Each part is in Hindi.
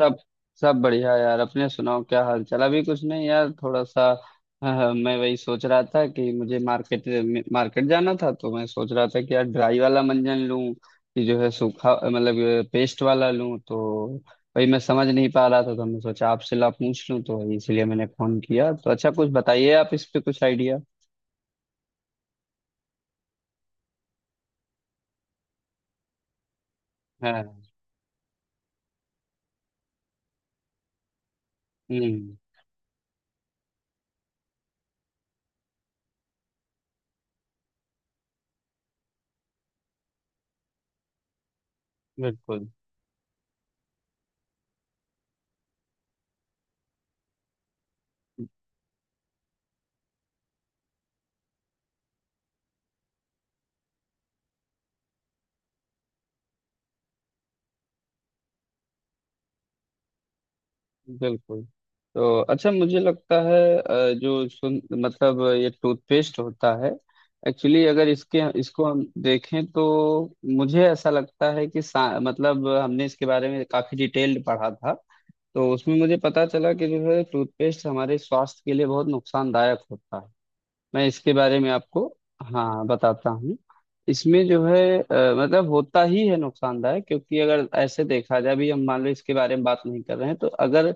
सब सब बढ़िया यार। अपने सुनाओ, क्या हाल चाल? अभी कुछ नहीं यार, थोड़ा सा। हाँ, मैं वही सोच रहा था कि मुझे मार्केट मार्केट जाना था, तो मैं सोच रहा था कि यार ड्राई वाला मंजन लूं कि जो है सूखा, मतलब पेस्ट वाला लूं। तो वही मैं समझ नहीं पा रहा था, तो मैं सोचा आपसे ला पूछ लूं, तो वही इसलिए मैंने फोन किया। तो अच्छा, कुछ बताइए आप इस पे कुछ आइडिया है। हम्म। बिल्कुल, बिल्कुल। तो अच्छा, मुझे लगता है जो सुन मतलब ये टूथपेस्ट होता है। एक्चुअली अगर इसके इसको हम देखें तो मुझे ऐसा लगता है कि मतलब हमने इसके बारे में काफी डिटेल्ड पढ़ा था। तो उसमें मुझे पता चला कि जो है टूथपेस्ट हमारे स्वास्थ्य के लिए बहुत नुकसानदायक होता है। मैं इसके बारे में आपको हाँ बताता हूँ। इसमें जो है मतलब होता ही है नुकसानदायक, क्योंकि अगर ऐसे देखा जाए, अभी हम मान लो इसके बारे में बात नहीं कर रहे हैं, तो अगर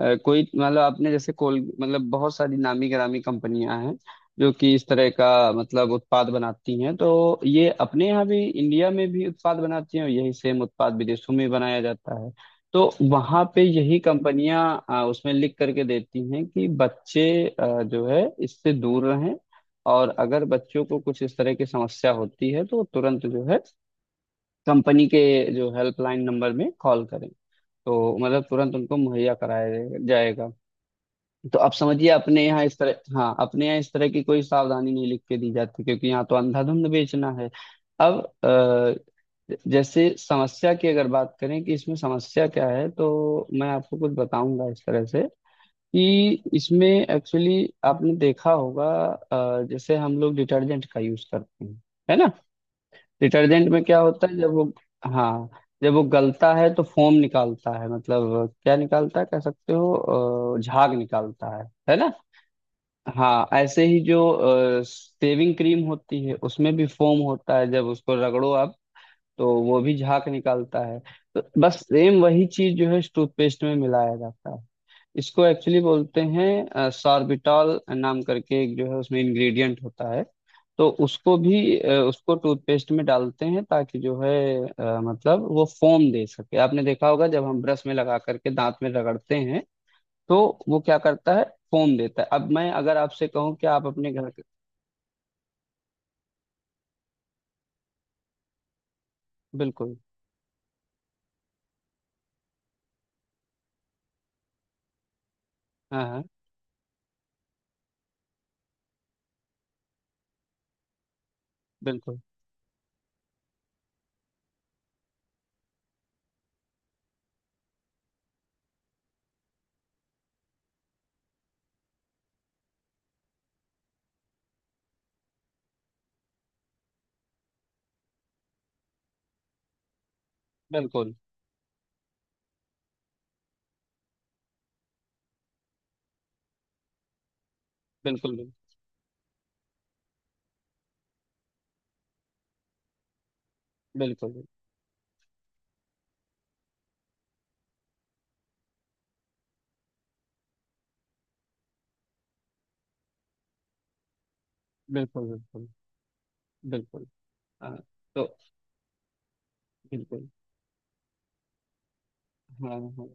कोई मतलब आपने जैसे कोल मतलब बहुत सारी नामी गिरामी कंपनियां हैं जो कि इस तरह का मतलब उत्पाद बनाती हैं। तो ये अपने यहाँ भी इंडिया में भी उत्पाद बनाती हैं, और यही सेम उत्पाद विदेशों में बनाया जाता है। तो वहां पे यही कंपनियां उसमें लिख करके देती हैं कि बच्चे जो है इससे दूर रहें। और अगर बच्चों को कुछ इस तरह की समस्या होती है, तो तुरंत जो है कंपनी के जो हेल्पलाइन नंबर में कॉल करें, तो मतलब तुरंत उनको मुहैया कराया जाएगा। तो आप समझिए अपने यहाँ इस तरह, हाँ, अपने यहाँ इस तरह की कोई सावधानी नहीं लिख के दी जाती, क्योंकि यहाँ तो अंधाधुंध बेचना है। अब जैसे समस्या की अगर बात करें कि इसमें समस्या क्या है, तो मैं आपको कुछ बताऊंगा इस तरह से कि इसमें एक्चुअली आपने देखा होगा जैसे हम लोग डिटर्जेंट का यूज करते हैं, है ना। डिटर्जेंट में क्या होता है जब वो, हाँ, जब वो गलता है तो फोम निकालता है, मतलब क्या निकालता है कह सकते हो, झाग निकालता है ना। हाँ, ऐसे ही जो शेविंग क्रीम होती है उसमें भी फोम होता है, जब उसको रगड़ो आप तो वो भी झाग निकालता है। तो बस सेम वही चीज जो है टूथपेस्ट में मिलाया जाता है। इसको एक्चुअली बोलते हैं सार्बिटॉल नाम करके, एक जो है उसमें इंग्रेडिएंट होता है। तो उसको भी उसको टूथपेस्ट में डालते हैं ताकि जो है मतलब वो फोम दे सके। आपने देखा होगा जब हम ब्रश में लगा करके दांत में रगड़ते हैं तो वो क्या करता है, फोम देता है। अब मैं अगर आपसे कहूँ कि आप अपने घर के, बिल्कुल, हाँ हाँ, बिल्कुल, बिल्कुल, बिल्कुल, बिल्कुल, बिल्कुल, बिल्कुल, बिल्कुल, बिल्कुल, हाँ, तो बिल्कुल, हाँ हाँ,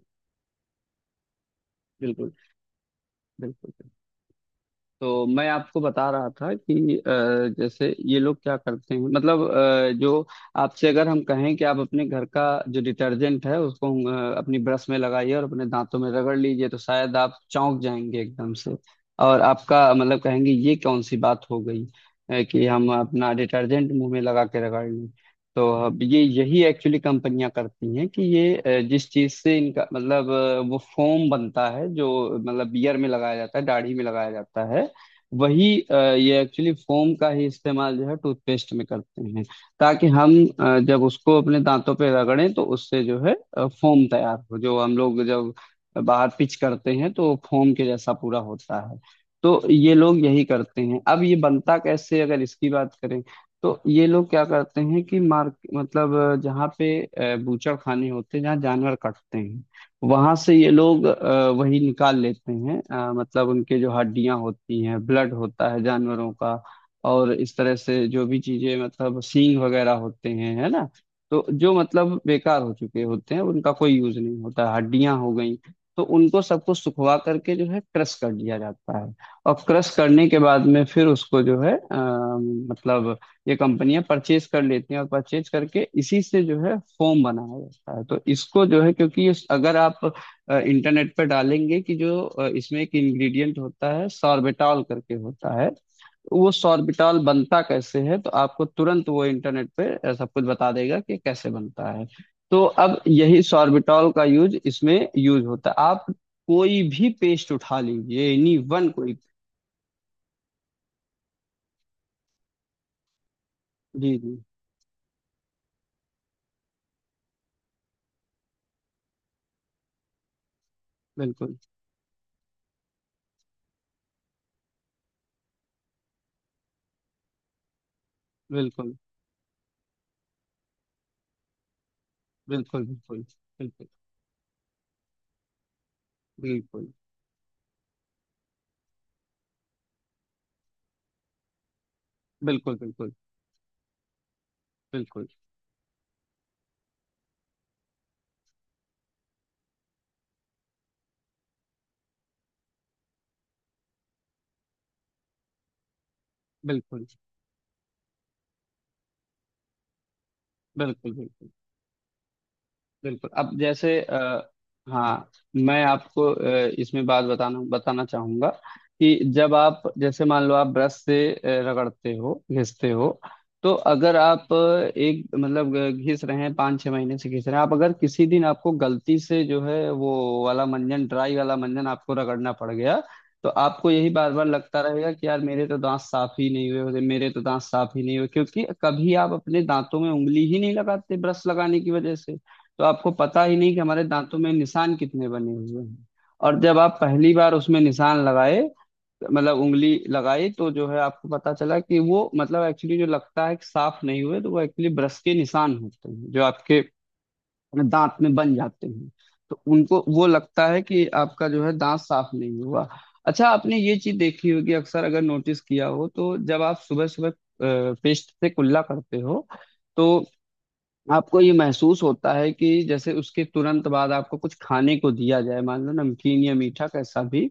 बिल्कुल, बिल्कुल। तो मैं आपको बता रहा था कि जैसे ये लोग क्या करते हैं, मतलब जो आपसे अगर हम कहें कि आप अपने घर का जो डिटर्जेंट है उसको अपनी ब्रश में लगाइए और अपने दांतों में रगड़ लीजिए, तो शायद आप चौंक जाएंगे एकदम से। और आपका मतलब कहेंगे ये कौन सी बात हो गई कि हम अपना डिटर्जेंट मुंह में लगा के रगड़ लें। तो अब ये यही एक्चुअली कंपनियां करती हैं कि ये जिस चीज से इनका मतलब वो फोम बनता है, जो मतलब बियर में लगाया जाता है, दाढ़ी में लगाया जाता है, वही ये एक्चुअली फोम का ही इस्तेमाल जो है टूथपेस्ट में करते हैं, ताकि हम जब उसको अपने दांतों पे रगड़ें तो उससे जो है फोम तैयार हो, जो हम लोग जब बाहर पिच करते हैं तो फोम के जैसा पूरा होता है। तो ये लोग यही करते हैं। अब ये बनता कैसे अगर इसकी बात करें, तो ये लोग क्या करते हैं कि मार्क मतलब जहाँ पे बूचड़खाने होते हैं जहाँ जानवर कटते हैं, वहां से ये लोग वही निकाल लेते हैं, मतलब उनके जो हड्डियां होती हैं, ब्लड होता है जानवरों का, और इस तरह से जो भी चीजें मतलब सींग वगैरह होते हैं, है ना। तो जो मतलब बेकार हो चुके होते हैं, उनका कोई यूज नहीं होता है, हड्डियां हो गई। तो उनको सबको सुखवा करके जो है क्रश कर दिया जाता है। और क्रश करने के बाद में फिर उसको जो है मतलब ये कंपनियां परचेज कर लेती हैं, और परचेज करके इसी से जो है फोम बनाया जाता है। तो इसको जो है, क्योंकि अगर आप इंटरनेट पर डालेंगे कि जो इसमें एक इंग्रेडिएंट होता है सॉर्बिटॉल करके होता है, वो सॉर्बिटॉल बनता कैसे है, तो आपको तुरंत वो इंटरनेट पे सब कुछ बता देगा कि कैसे बनता है। तो अब यही सॉर्बिटॉल का यूज इसमें यूज होता है। आप कोई भी पेस्ट उठा लीजिए, एनी वन, कोई। जी जी। बिल्कुल, बिल्कुल, बिल्कुल, बिल्कुल, बिल्कुल, बिल्कुल, बिल्कुल, बिल्कुल, बिल्कुल, बिल्कुल, बिल्कुल, बिल्कुल, बिल्कुल। अब जैसे हाँ, मैं आपको इसमें बात बताना बताना चाहूंगा कि जब आप जैसे मान लो आप ब्रश से रगड़ते हो, घिसते हो, तो अगर आप एक मतलब घिस रहे हैं, पाँच छः महीने से घिस रहे हैं, आप अगर किसी दिन आपको गलती से जो है वो वाला मंजन, ड्राई वाला मंजन आपको रगड़ना पड़ गया, तो आपको यही बार बार लगता रहेगा कि यार मेरे तो दांत साफ ही नहीं हुए होते, मेरे तो दांत साफ ही नहीं हुए, क्योंकि कभी आप अपने दांतों में उंगली ही नहीं लगाते ब्रश लगाने की वजह से। तो आपको पता ही नहीं कि हमारे दांतों में निशान कितने बने हुए हैं। और जब आप पहली बार उसमें निशान लगाए, मतलब उंगली लगाई, तो जो है आपको पता चला कि वो मतलब एक्चुअली जो लगता है कि साफ नहीं हुए, तो वो एक्चुअली ब्रश के निशान होते हैं जो आपके दांत में बन जाते हैं। तो उनको वो लगता है कि आपका जो है दांत साफ नहीं हुआ। अच्छा, आपने ये चीज देखी होगी, अक्सर अगर नोटिस किया हो, तो जब आप सुबह सुबह पेस्ट से कुल्ला करते हो, तो आपको ये महसूस होता है कि जैसे उसके तुरंत बाद आपको नमकीन, कुछ खाने को दिया जाए, मान लो नमकीन या मीठा कैसा भी,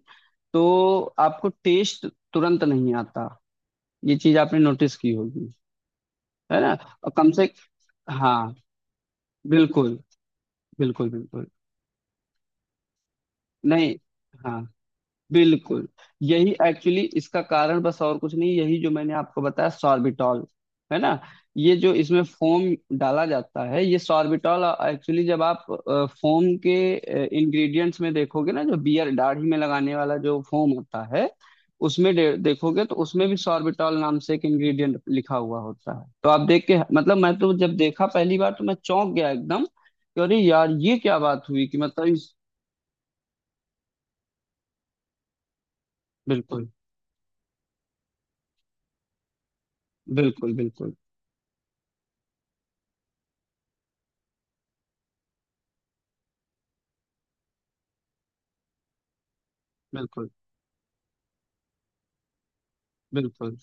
तो आपको टेस्ट तुरंत नहीं आता। ये चीज आपने नोटिस की होगी, है ना। और कम से, हाँ, बिल्कुल, बिल्कुल, बिल्कुल, नहीं, हाँ, बिल्कुल। यही एक्चुअली इसका कारण, बस और कुछ नहीं, यही जो मैंने आपको बताया, सॉर्बिटॉल, है ना। ये जो इसमें फोम डाला जाता है, ये सॉर्बिटॉल एक्चुअली जब आप फोम के इंग्रेडिएंट्स में देखोगे ना, जो बियर दाढ़ी में लगाने वाला जो फोम होता है उसमें देखोगे तो उसमें भी सॉर्बिटॉल नाम से एक इंग्रेडिएंट लिखा हुआ होता है। तो आप देख के मतलब, मैं तो जब देखा पहली बार, तो मैं चौंक गया एकदम कि अरे यार ये क्या बात हुई कि मतलब इस, बिल्कुल, बिल्कुल, बिल्कुल, बिल्कुल, बिल्कुल,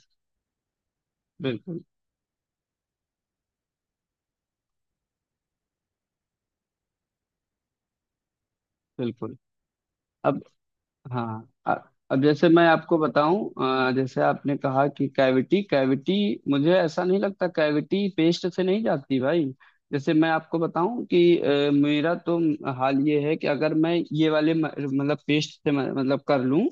बिल्कुल, बिल्कुल। अब, हाँ, अब जैसे मैं आपको बताऊं, जैसे आपने कहा कि कैविटी कैविटी, मुझे ऐसा नहीं लगता, कैविटी पेस्ट से नहीं जाती भाई। जैसे मैं आपको बताऊं कि मेरा तो हाल ये है कि अगर मैं ये वाले मतलब पेस्ट से मतलब कर लूं,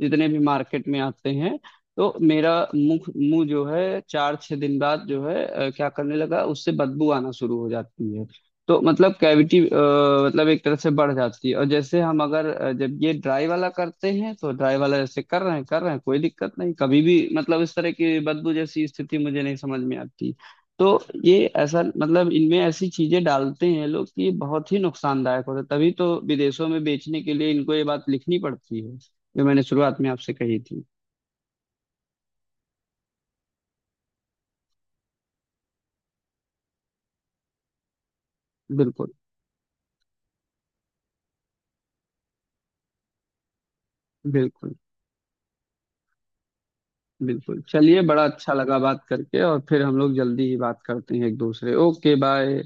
जितने भी मार्केट में आते हैं, तो मेरा मुख मुंह जो है चार छह दिन बाद जो है क्या करने लगा, उससे बदबू आना शुरू हो जाती है। तो मतलब कैविटी मतलब एक तरह से बढ़ जाती है। और जैसे हम अगर जब ये ड्राई वाला करते हैं, तो ड्राई वाला जैसे कर रहे हैं, कोई दिक्कत नहीं कभी भी, मतलब इस तरह की बदबू जैसी स्थिति मुझे नहीं समझ में आती। तो ये ऐसा, मतलब इनमें ऐसी चीजें डालते हैं लोग कि ये बहुत ही नुकसानदायक होता है, तभी तो विदेशों में बेचने के लिए इनको ये बात लिखनी पड़ती है, जो मैंने शुरुआत में आपसे कही थी। बिल्कुल, बिल्कुल, बिल्कुल, चलिए, बड़ा अच्छा लगा बात करके, और फिर हम लोग जल्दी ही बात करते हैं एक दूसरे, ओके, बाय।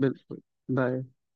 बिल्कुल। बाय।